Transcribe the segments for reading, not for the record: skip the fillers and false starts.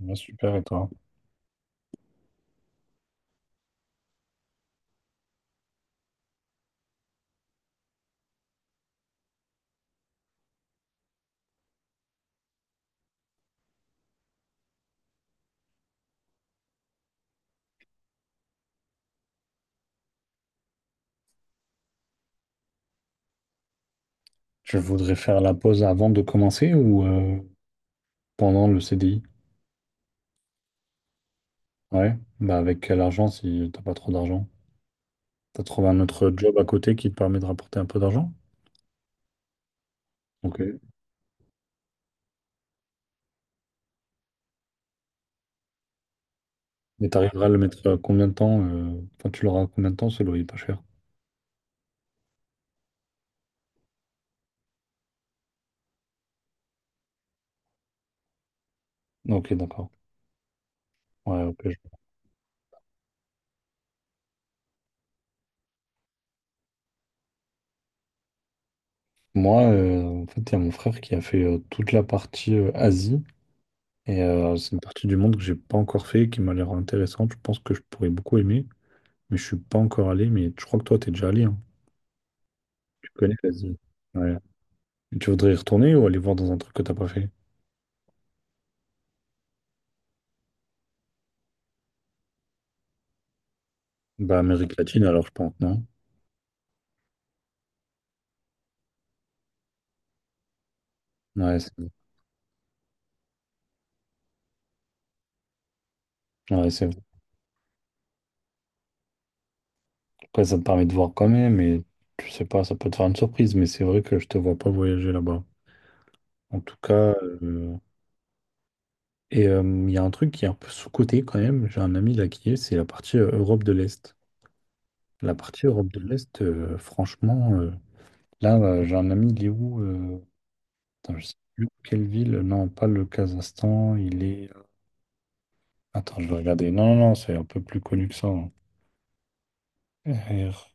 Ouais, super, et toi? Tu voudrais faire la pause avant de commencer ou pendant le CDI? Ouais, bah avec quel argent si t'as pas trop d'argent? T'as trouvé un autre job à côté qui te permet de rapporter un peu d'argent? Ok. Et t'arriveras à le mettre à combien de temps? Enfin, tu l'auras à combien de temps ce loyer pas cher? Ok, d'accord. Ouais, ok. Moi, en fait, il y a mon frère qui a fait toute la partie Asie. Et c'est une partie du monde que j'ai pas encore fait, qui m'a l'air intéressante. Je pense que je pourrais beaucoup aimer, mais je suis pas encore allé. Mais je crois que toi, t'es déjà allé, hein. Tu connais, vas-y. Ouais. Et tu voudrais y retourner ou aller voir dans un truc que t'as pas fait? Bah, Amérique latine, alors, je pense, non? Ouais, c'est ouais, c'est vrai. Après, ça te permet de voir quand même, et tu sais pas, ça peut te faire une surprise, mais c'est vrai que je te vois pas voyager là-bas. En tout cas, euh, et euh, il y a un truc qui est un peu sous-coté quand même. J'ai un ami là qui est, c'est la partie Europe de l'Est. La partie Europe de l'Est, franchement, j'ai un ami, il est où? Putain, je sais plus quelle ville. Non, pas le Kazakhstan, il est. Attends, je vais regarder. Non, non, non, c'est un peu plus connu que ça, hein. R,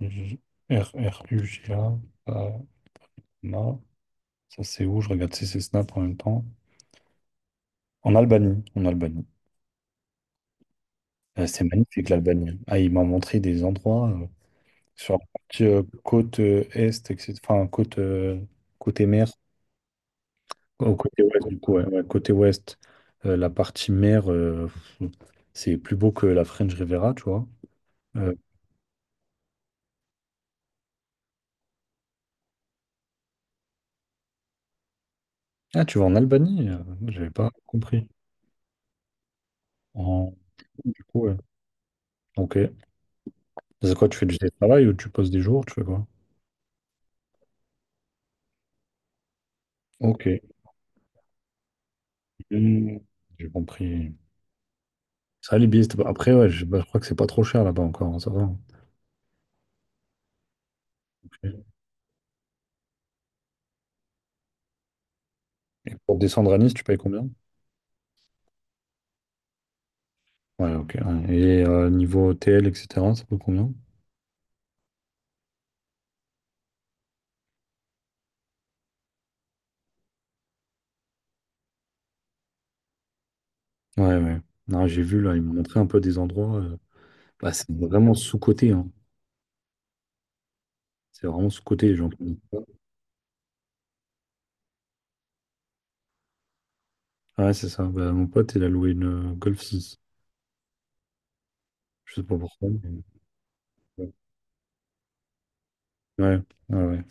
J- R, R, U, G, A. euh, non. Ça, c'est où? Je regarde si c'est Snap en même temps. En Albanie. En Albanie. C'est magnifique, l'Albanie. Ah, il m'a montré des endroits sur la partie côte est, etc. Enfin, côte, côté mer. Au côté ouest, du coup, ouais, ouais, côté ouest. La partie mer, pff, c'est plus beau que la French Riviera, tu vois. Euh, ah, tu vas en Albanie? J'avais pas compris. En Du coup, ouais. Ok. C'est quoi, tu fais du télétravail ou tu poses des jours, tu fais quoi? Ok. Hmm, j'ai compris. Ça, les billets, c'était pas- après, je crois que c'est pas trop cher là-bas encore, hein, ça va. Ok. Et pour descendre à Nice, tu payes combien? Ouais, ok, ouais. Et niveau hôtel, etc., ça coûte combien? Ouais, ouais. Non, j'ai vu là, ils m'ont montré un peu des endroits. Bah, c'est vraiment sous-coté, hein. C'est vraiment sous-coté, les gens qui disent ça. Ouais, c'est ça. Bah, mon pote, il a loué une Golf six. Je sais pas pourquoi, ouais, ouais, ouais, ouais.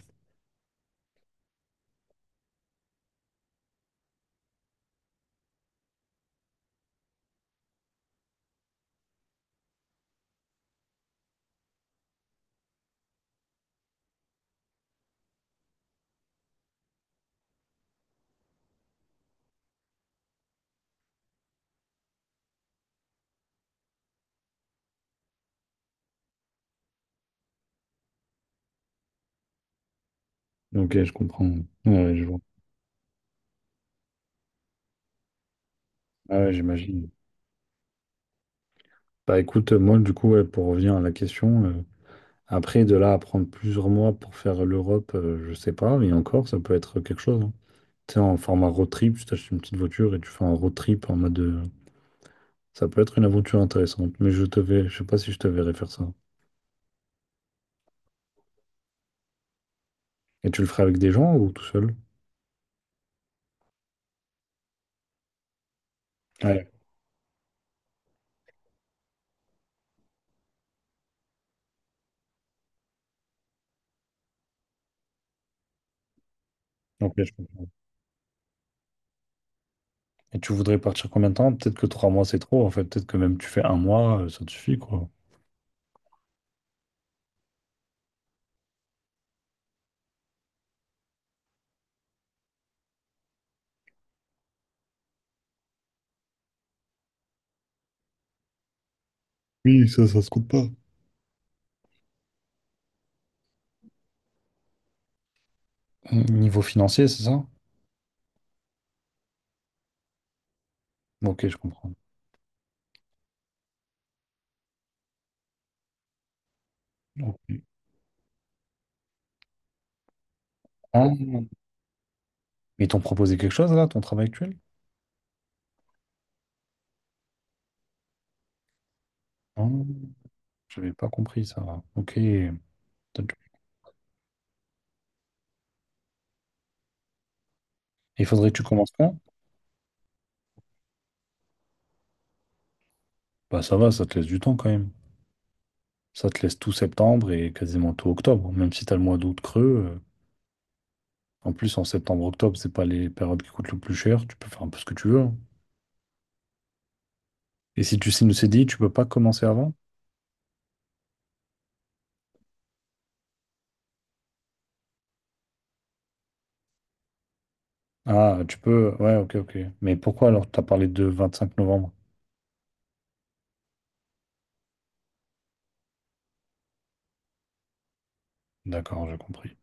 Ok, je comprends. Ouais, ouais, je vois. Ah ouais, j'imagine. Bah écoute, moi du coup, ouais, pour revenir à la question, après de là à prendre plusieurs mois pour faire l'Europe, je sais pas, mais encore, ça peut être quelque chose, hein. Tu sais, en format road trip, tu t'achètes une petite voiture et tu fais un road trip en mode, ça peut être une aventure intéressante, mais je sais pas si je te verrai faire ça. Et tu le ferais avec des gens ou tout seul? Ouais, ok, je comprends. Et tu voudrais partir combien de temps? Peut-être que trois mois c'est trop, en fait. Peut-être que même tu fais un mois, ça te suffit, quoi. Oui, ça se compte pas. Niveau financier, c'est ça? Ok, je comprends. Ok. Ah, ils t'ont proposé quelque chose là, ton travail actuel? Ah, j'avais pas compris ça. Ok. Il faudrait que tu commences quand? Bah ça va, ça te laisse du temps quand même. Ça te laisse tout septembre et quasiment tout octobre. Même si t'as le mois d'août creux, en plus, en septembre-octobre, c'est pas les périodes qui coûtent le plus cher. Tu peux faire un peu ce que tu veux, hein. Et si tu signes le CDI, tu peux pas commencer avant? Ah, tu peux. Ouais, ok, ok. Mais pourquoi alors t'as parlé de 25 novembre? D'accord, j'ai compris.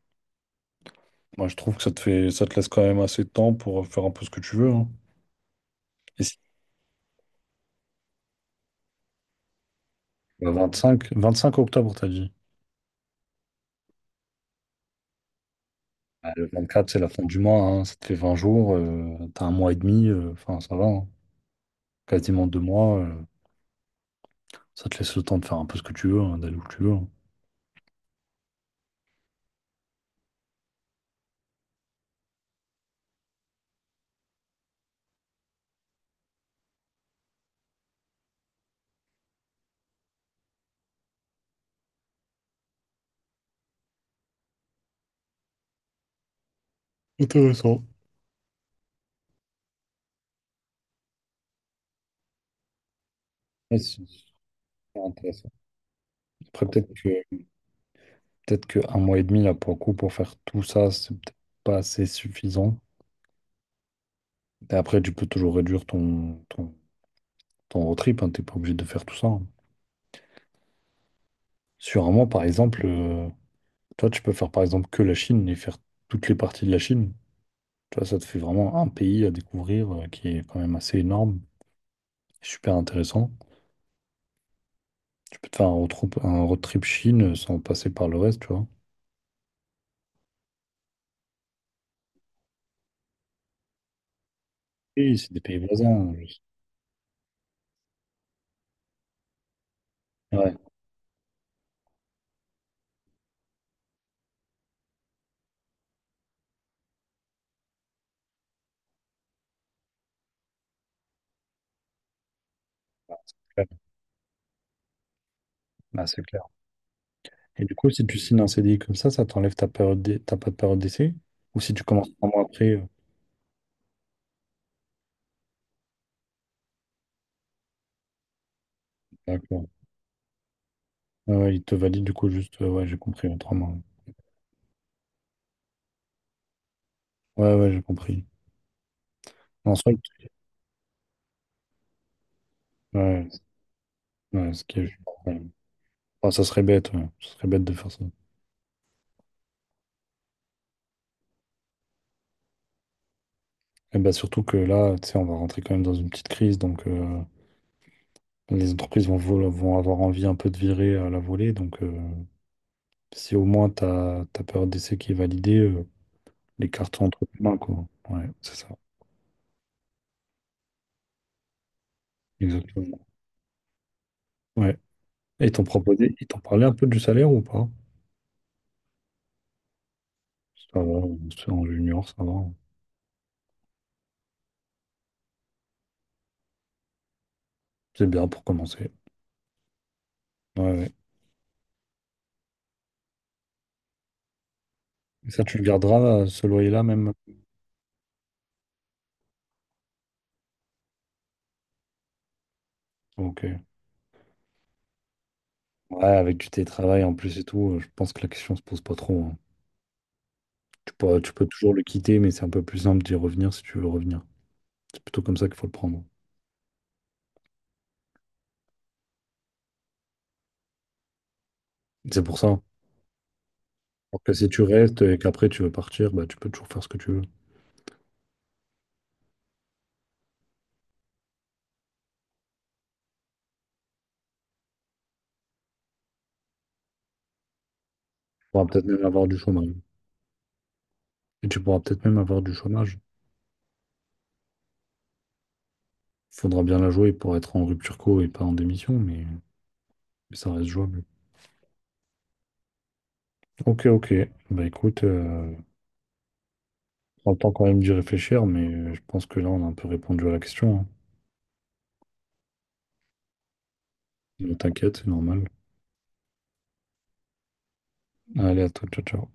Moi, je trouve que ça te laisse quand même assez de temps pour faire un peu ce que tu veux, hein. Et Le 25, 25 octobre, t'as dit. Ah, le 24, c'est la fin du mois, hein, ça te fait 20 jours, t'as un mois et demi, enfin ça va, hein, quasiment deux mois, ça te laisse le temps de faire un peu ce que tu veux, hein, d'aller où tu veux, hein. Intéressant. Ouais, c'est super intéressant. Après, peut-être que un mois et demi, là, pour le coup, pour faire tout ça, c'est peut-être pas assez suffisant. Et après, tu peux toujours réduire ton road trip, hein, t'es pas obligé de faire tout ça, hein. Sur un mois, par exemple, toi, tu peux faire par exemple que la Chine et faire toutes les parties de la Chine. Tu vois, ça te fait vraiment un pays à découvrir qui est quand même assez énorme, super intéressant. Tu peux te faire un road trip Chine sans passer par le reste, tu vois. Oui, c'est des pays voisins. Je ouais, ouais, bah, c'est clair. Et du coup, si tu signes un CDI comme ça t'enlève ta période t'as pas de période d'essai? Ou si tu commences trois mois après, d'accord. Ouais, ouais, il te valide du coup juste, ouais, j'ai compris, ouais, trois mois. Ouais, ouais, j'ai compris. En soit, ouais, ouais, ce qui est... ouais. Enfin, ça serait bête, ouais. Ça serait bête de faire ça. Et bah surtout que là, tu sais, on va rentrer quand même dans une petite crise, donc les entreprises vont avoir envie un peu de virer à la volée. Donc si au moins ta période d'essai qui est validée, les cartes sont entre tes mains, quoi. Ouais, c'est ça. Exactement. Ouais. Et ils t'ont proposé, ils t'ont parlé un peu du salaire ou pas? Ça va, c'est en junior, ça va. C'est bien pour commencer. Ouais, ouais. Et ça, tu le garderas, ce loyer-là même? Ok. Ouais, avec du télétravail en plus et tout, je pense que la question se pose pas trop, hein. Tu peux toujours le quitter, mais c'est un peu plus simple d'y revenir si tu veux revenir. C'est plutôt comme ça qu'il faut le prendre. C'est pour ça. Alors que si tu restes et qu'après tu veux partir, bah, tu peux toujours faire ce que tu veux. Tu pourras peut-être même avoir du chômage. Et tu pourras peut-être même avoir du chômage. Il faudra bien la jouer pour être en rupture co et pas en démission, mais ça reste jouable. Ok, ok. Bah écoute, prends le temps quand même d'y réfléchir, mais je pense que là, on a un peu répondu à la question, hein. Ne t'inquiète, c'est normal. Allez, à toi, ciao, ciao.